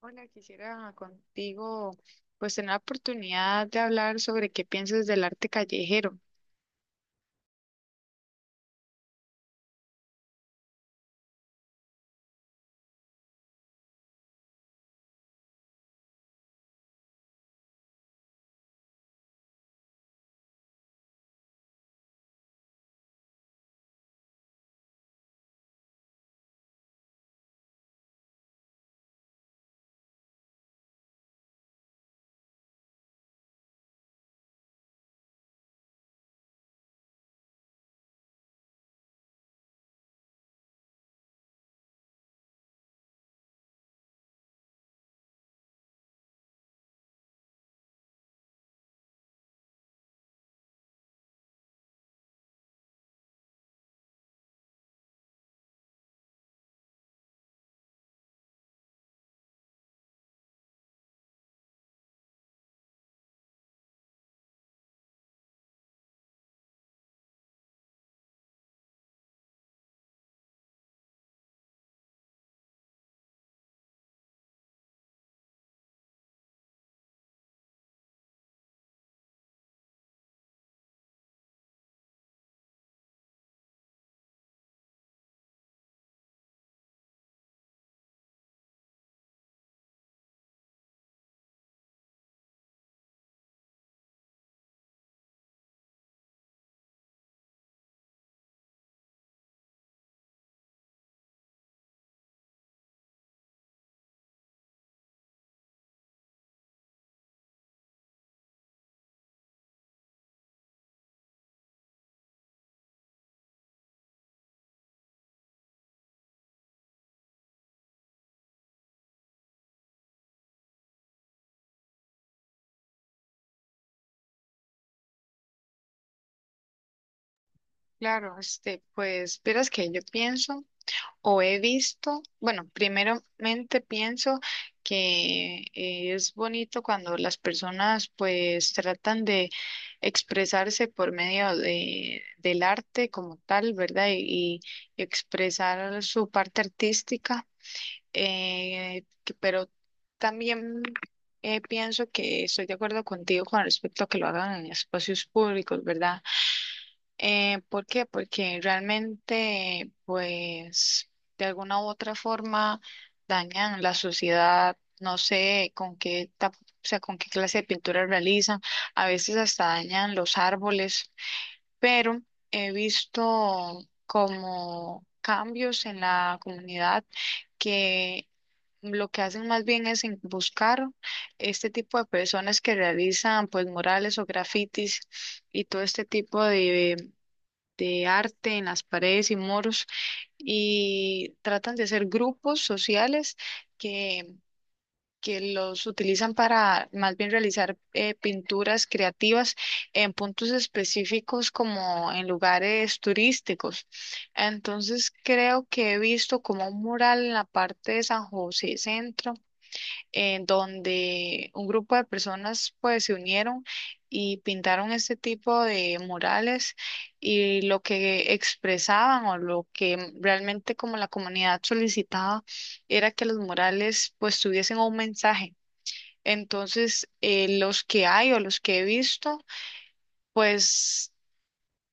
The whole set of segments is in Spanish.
Hola, quisiera contigo pues tener la oportunidad de hablar sobre qué piensas del arte callejero. Claro, este, pues verás que yo pienso o he visto, bueno, primeramente pienso que es bonito cuando las personas pues tratan de expresarse por medio del arte como tal, ¿verdad? Y expresar su parte artística. Pero también pienso que estoy de acuerdo contigo con respecto a que lo hagan en espacios públicos, ¿verdad? ¿Por qué? Porque realmente, pues, de alguna u otra forma dañan la sociedad, no sé con qué, o sea, con qué clase de pintura realizan, a veces hasta dañan los árboles, pero he visto como cambios en la comunidad que lo que hacen más bien es buscar este tipo de personas que realizan pues murales o grafitis y todo este tipo de arte en las paredes y muros, y tratan de hacer grupos sociales que, que los utilizan para más bien realizar pinturas creativas en puntos específicos como en lugares turísticos. Entonces creo que he visto como un mural en la parte de San José Centro, en donde un grupo de personas pues se unieron y pintaron este tipo de murales, y lo que expresaban o lo que realmente como la comunidad solicitaba era que los murales pues tuviesen un mensaje. Entonces, los que hay o los que he visto, pues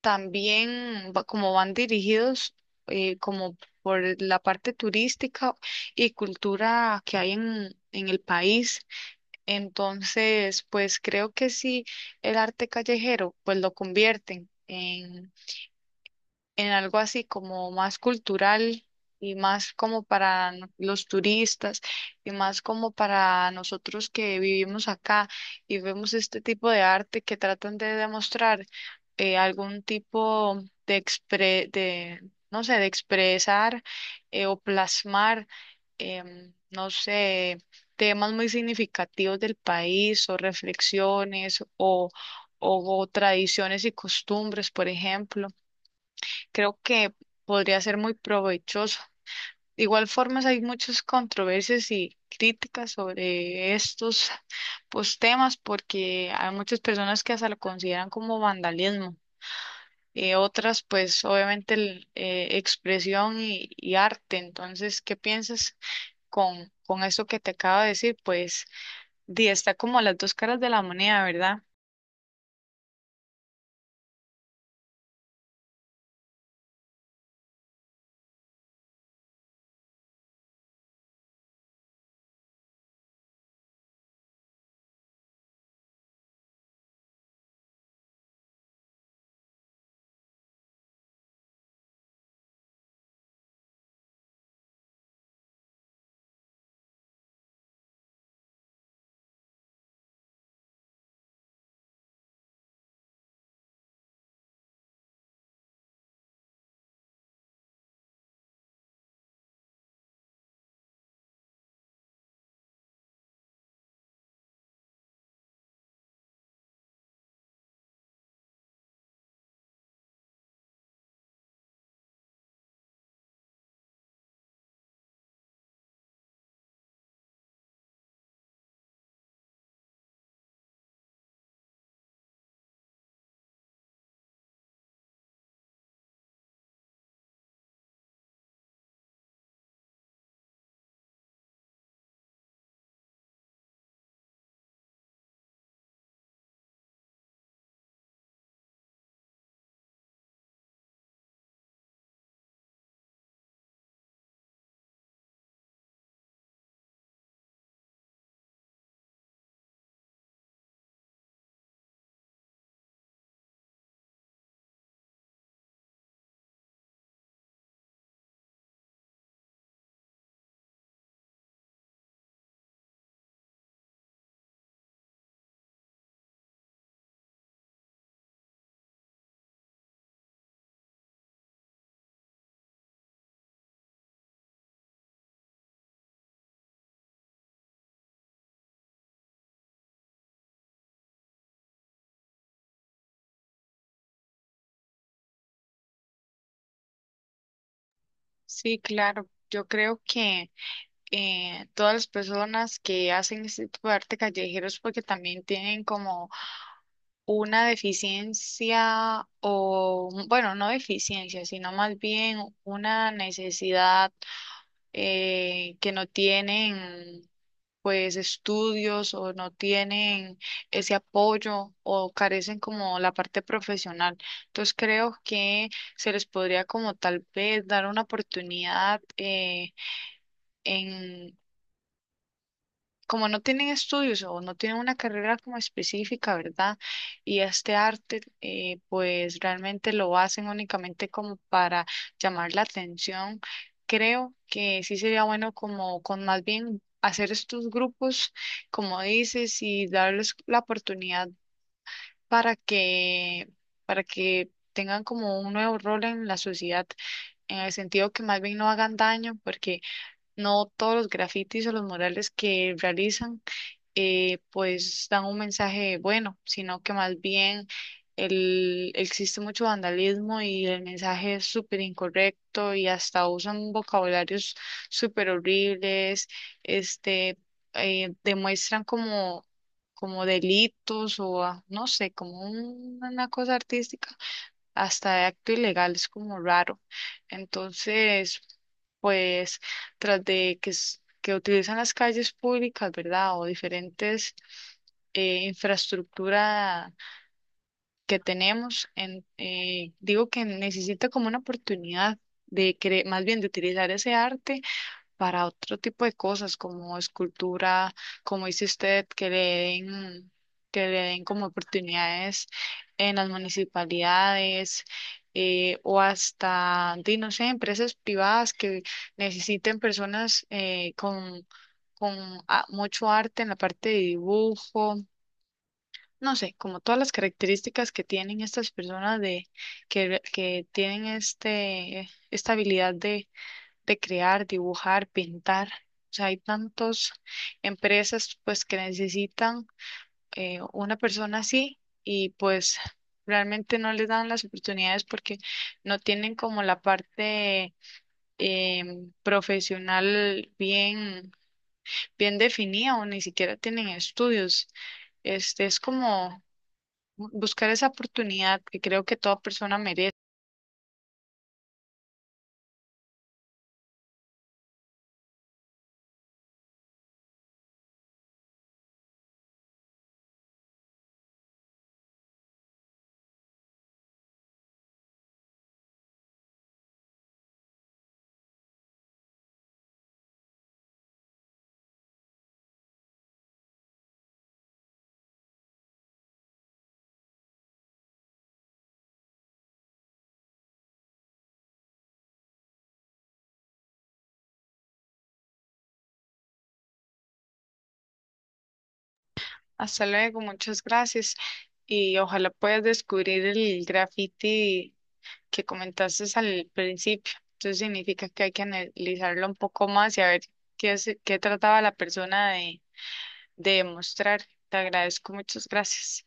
también como van dirigidos como por la parte turística y cultura que hay en el país. Entonces, pues creo que sí, el arte callejero, pues lo convierten en algo así como más cultural y más como para los turistas y más como para nosotros que vivimos acá y vemos este tipo de arte que tratan de demostrar algún tipo de expre de no sé, de expresar o plasmar no sé, temas muy significativos del país o reflexiones o tradiciones y costumbres. Por ejemplo, creo que podría ser muy provechoso. De igual forma, hay muchas controversias y críticas sobre estos, pues, temas, porque hay muchas personas que hasta lo consideran como vandalismo. Otras, pues obviamente, expresión y arte. Entonces, ¿qué piensas con esto que te acabo de decir? Pues, di, está como las dos caras de la moneda, ¿verdad? Sí, claro. Yo creo que todas las personas que hacen este tipo de arte callejero es porque también tienen como una deficiencia o, bueno, no deficiencia, sino más bien una necesidad, que no tienen pues estudios o no tienen ese apoyo o carecen como la parte profesional. Entonces creo que se les podría como tal vez dar una oportunidad, como no tienen estudios o no tienen una carrera como específica, ¿verdad? Y este arte, pues realmente lo hacen únicamente como para llamar la atención. Creo que sí sería bueno como con más bien hacer estos grupos, como dices, y darles la oportunidad para para que tengan como un nuevo rol en la sociedad, en el sentido que más bien no hagan daño, porque no todos los grafitis o los murales que realizan, pues dan un mensaje bueno, sino que más bien existe mucho vandalismo y el mensaje es súper incorrecto y hasta usan vocabularios súper horribles. Este, demuestran como, como delitos o ah, no sé, como una cosa artística hasta de acto ilegal, es como raro. Entonces, pues tras de que, que utilizan las calles públicas, ¿verdad? O diferentes infraestructura que tenemos, en, digo que necesita como una oportunidad de más bien de utilizar ese arte para otro tipo de cosas como escultura, como dice usted, que le den como oportunidades en las municipalidades, o hasta, di, no sé, empresas privadas que necesiten personas con mucho arte en la parte de dibujo. No sé, como todas las características que tienen estas personas de que tienen esta habilidad de crear, dibujar, pintar. O sea, hay tantas empresas pues que necesitan, una persona así, y pues realmente no les dan las oportunidades porque no tienen como la parte profesional bien definida o ni siquiera tienen estudios. Este es como buscar esa oportunidad que creo que toda persona merece. Hasta luego, muchas gracias, y ojalá puedas descubrir el graffiti que comentaste al principio. Entonces significa que hay que analizarlo un poco más y a ver qué trataba la persona de demostrar. Te agradezco, muchas gracias.